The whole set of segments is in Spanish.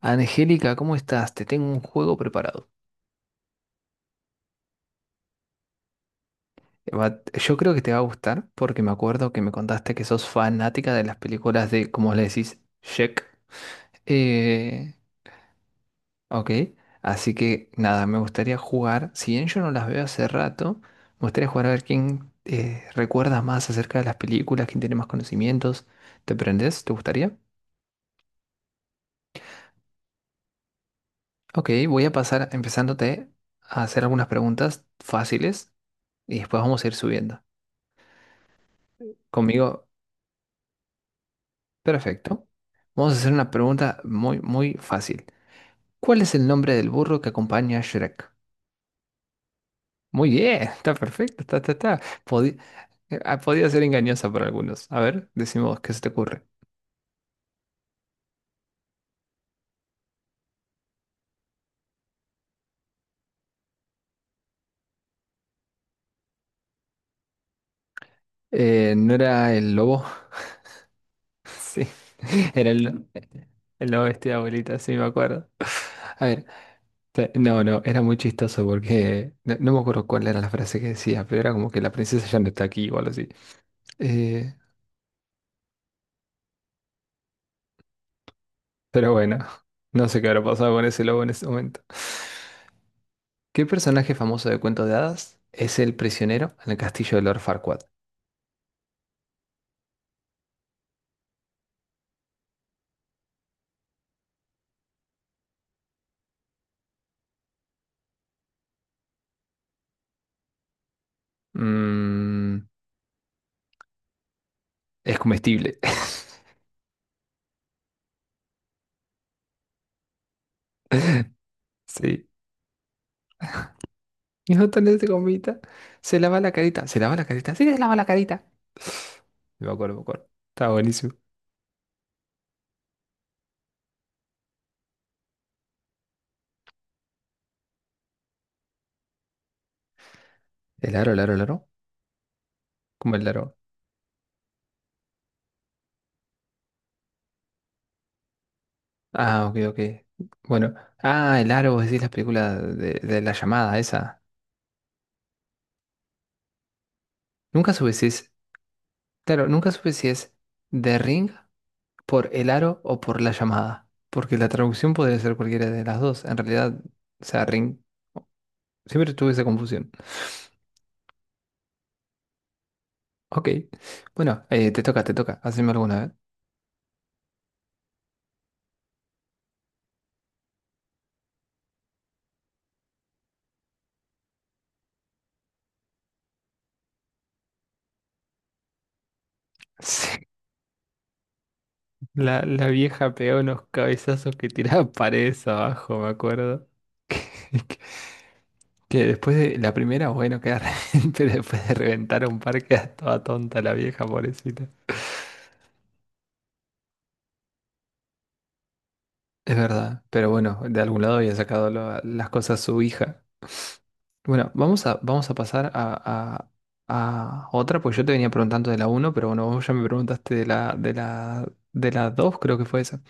Angélica, ¿cómo estás? Te tengo un juego preparado. Yo creo que te va a gustar porque me acuerdo que me contaste que sos fanática de las películas de, como le decís, Shrek. Eh, ok, así que nada, me gustaría jugar. Si bien yo no las veo hace rato, me gustaría jugar a ver quién recuerda más acerca de las películas, quién tiene más conocimientos. ¿Te prendés? ¿Te gustaría? Ok, voy a pasar empezándote a hacer algunas preguntas fáciles y después vamos a ir subiendo. Conmigo. Perfecto. Vamos a hacer una pregunta muy, muy fácil. ¿Cuál es el nombre del burro que acompaña a Shrek? Muy bien, está perfecto, está, está, está. Podía ser engañosa para algunos. A ver, decimos, ¿qué se te ocurre? ¿No era el lobo? Sí, era el lobo vestido de abuelita, sí, me acuerdo. A ver, no, no, era muy chistoso porque no, no me acuerdo cuál era la frase que decía, pero era como que la princesa ya no está aquí o algo así. Eh, Pero bueno, no sé qué habrá pasado con ese lobo en ese momento. ¿Qué personaje famoso de cuentos de hadas es el prisionero en el castillo de Lord Farquaad? Mm, es comestible. Sí. Y no tan de gomita. Se lava la carita. Se lava la carita. Sí, se lava la carita. Me acuerdo, me acuerdo. Estaba buenísimo. ¿El aro, el aro, el aro? ¿Cómo el aro? Ah, ok, ok. Bueno. Ah, el aro, vos decís la película de la llamada esa. Nunca supe si es. Claro, nunca supe si es The Ring por el aro o por la llamada, porque la traducción podría ser cualquiera de las dos. En realidad, o sea, ring, siempre tuve esa confusión. Ok, bueno, te toca, haceme alguna vez. Sí, la vieja pegó unos cabezazos que tiraba paredes abajo, me acuerdo. Que, que que después de la primera, bueno, queda pero después de reventar un par, queda toda tonta la vieja, pobrecita. Es verdad, pero bueno, de algún lado había sacado las cosas su hija. Bueno, vamos a pasar a otra, pues yo te venía preguntando de la uno, pero bueno, vos ya me preguntaste de la 2, creo que fue esa.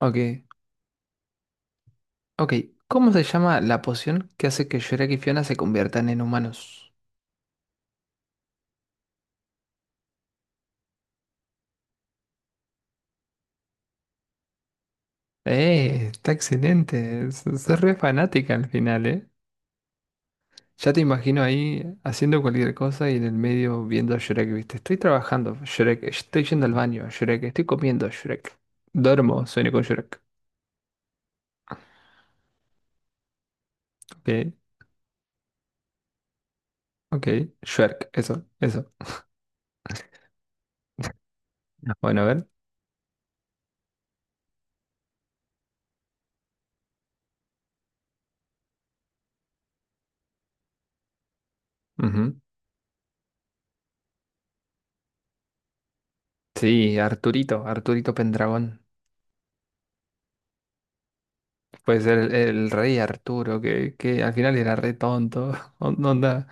Ok, ok. ¿Cómo se llama la poción que hace que Shrek y Fiona se conviertan en humanos? Está excelente. Sos re fanática al final, ¿eh? Ya te imagino ahí haciendo cualquier cosa y en el medio viendo a Shrek, ¿viste? Estoy trabajando, Shrek, estoy yendo al baño, Shrek, estoy comiendo, Shrek. Duermo, sueño con Shrek. Ok, ok, Shrek, eso, eso. Ya. Bueno, a ver. Ujú. Sí, Arturito, Arturito Pendragón. Puede ser el rey Arturo, que al final era re tonto. Onda,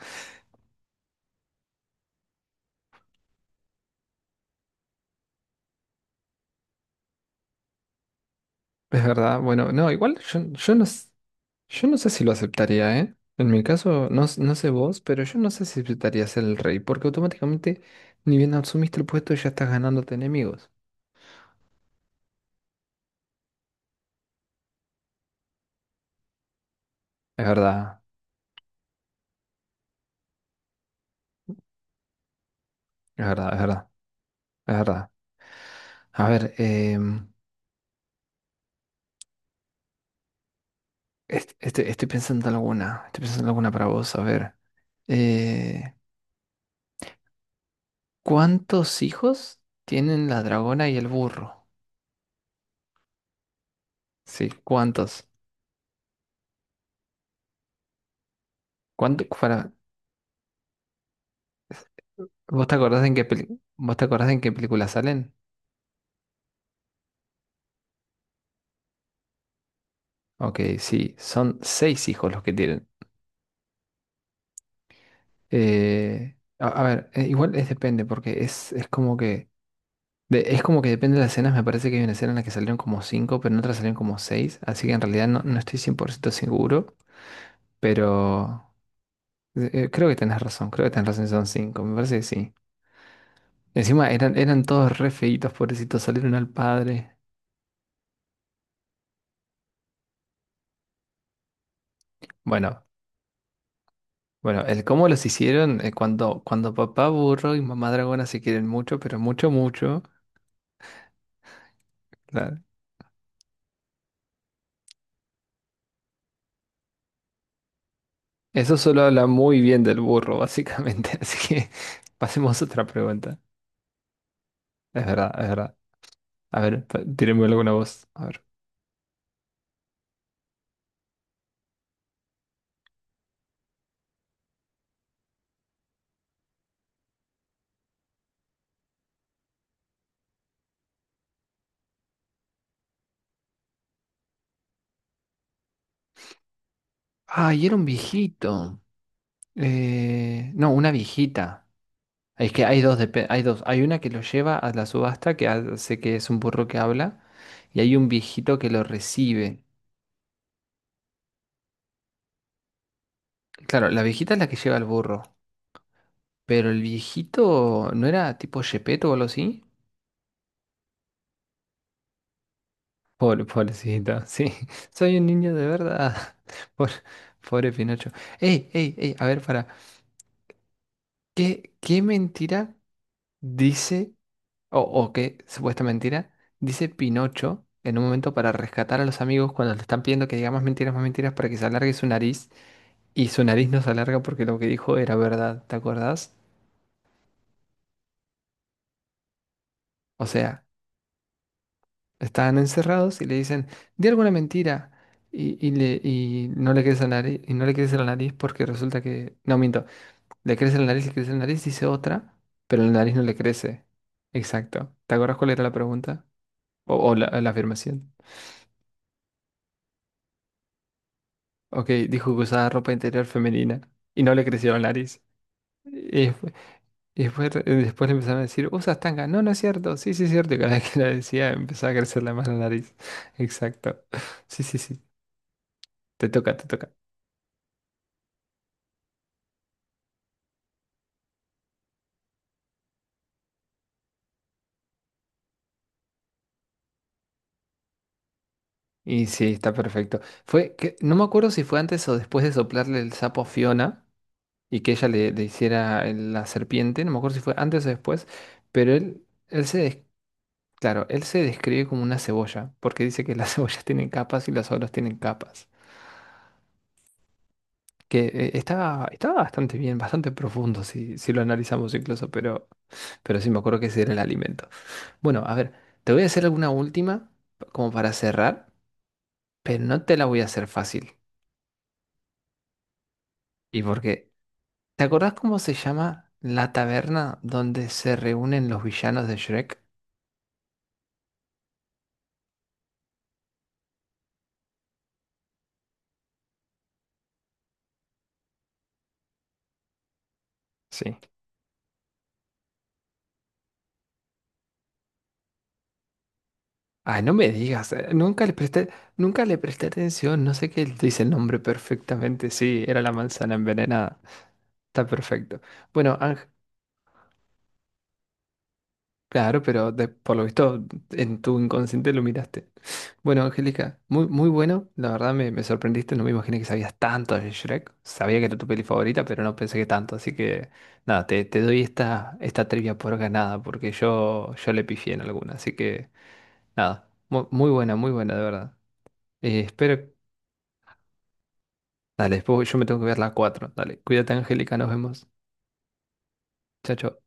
es verdad. Bueno, no, igual yo, yo no. Yo no sé si lo aceptaría, ¿eh? En mi caso, no, no sé vos, pero yo no sé si aceptaría ser el rey, porque automáticamente, ni bien asumiste el puesto, ya estás ganándote enemigos. Es verdad, es verdad, es verdad, es verdad. A ver, estoy pensando en alguna, estoy pensando en alguna para vos, a ver. Eh, ¿Cuántos hijos tienen la dragona y el burro? Sí, ¿cuántos? ¿Cuánto, para, ¿Vos te acordás en qué vos te acordás en qué película salen? Ok, sí, son seis hijos los que tienen. Igual es depende, porque es como que. Es como que depende de las escenas. Me parece que hay una escena en la que salieron como 5, pero en otra salieron como 6. Así que en realidad no, no estoy 100% seguro. Pero creo que tenés razón. Creo que tenés razón, son 5. Me parece que sí. Encima eran, eran todos re feitos, pobrecitos. Salieron al padre. Bueno, bueno, el cómo los hicieron cuando papá burro y mamá dragona se quieren mucho, pero mucho, mucho. Eso solo habla muy bien del burro, básicamente. Así que pasemos a otra pregunta. Es verdad, es verdad. A ver, tírenme alguna voz. A ver. Ah, y era un viejito. No, una viejita. Es que hay dos, hay dos. Hay una que lo lleva a la subasta, que hace que es un burro que habla, y hay un viejito que lo recibe. Claro, la viejita es la que lleva al burro, pero el viejito no era tipo Shepeto o algo así. Pobre, pobrecita, sí, soy un niño de verdad. Pobre, pobre Pinocho. Ey, ey, ey, a ver, para. ¿Qué mentira dice, o qué supuesta mentira, dice Pinocho en un momento para rescatar a los amigos cuando le están pidiendo que diga más mentiras para que se alargue su nariz? Y su nariz no se alarga porque lo que dijo era verdad, ¿te acordás? O sea, estaban encerrados y le dicen, di alguna mentira. Y no le crece la nariz, y no le crece la nariz porque resulta que... No, miento. Le crece la nariz, le crece la nariz, dice otra, pero la nariz no le crece. Exacto. ¿Te acuerdas cuál era la pregunta? O, la afirmación. Ok, dijo que usaba ropa interior femenina y no le creció la nariz. Y después, y después, después le empezaron a decir, usas tanga. No, no es cierto. Sí, sí es cierto. Y cada vez que la decía empezaba a crecerle más la nariz. Exacto. Sí, sí, sí. Te toca, te toca. Y sí, está perfecto. Fue que, no me acuerdo si fue antes o después de soplarle el sapo a Fiona. Y que ella le, le hiciera la serpiente, no me acuerdo si fue antes o después, pero él, claro, él se describe como una cebolla, porque dice que las cebollas tienen capas y las olas tienen capas. Que estaba bastante bien, bastante profundo si, si lo analizamos incluso, pero sí me acuerdo que ese era el alimento. Bueno, a ver, te voy a hacer alguna última como para cerrar, pero no te la voy a hacer fácil. ¿Y porque ¿Te acordás cómo se llama la taberna donde se reúnen los villanos de Shrek? Sí. Ay, no me digas, nunca le presté, nunca le presté atención, no sé qué dice el nombre perfectamente, sí, era la manzana envenenada, está perfecto. Bueno, Ángel, claro, pero por lo visto en tu inconsciente lo miraste. Bueno, Angélica, muy, muy bueno, la verdad me, me sorprendiste, no me imaginé que sabías tanto de Shrek, sabía que era tu peli favorita, pero no pensé que tanto, así que nada, te doy esta, esta trivia por ganada, porque yo le pifié en alguna, así que nada, muy buena, de verdad. Espero Dale, después yo me tengo que ver las 4. Dale, cuídate, Angélica, nos vemos. Chao, chao.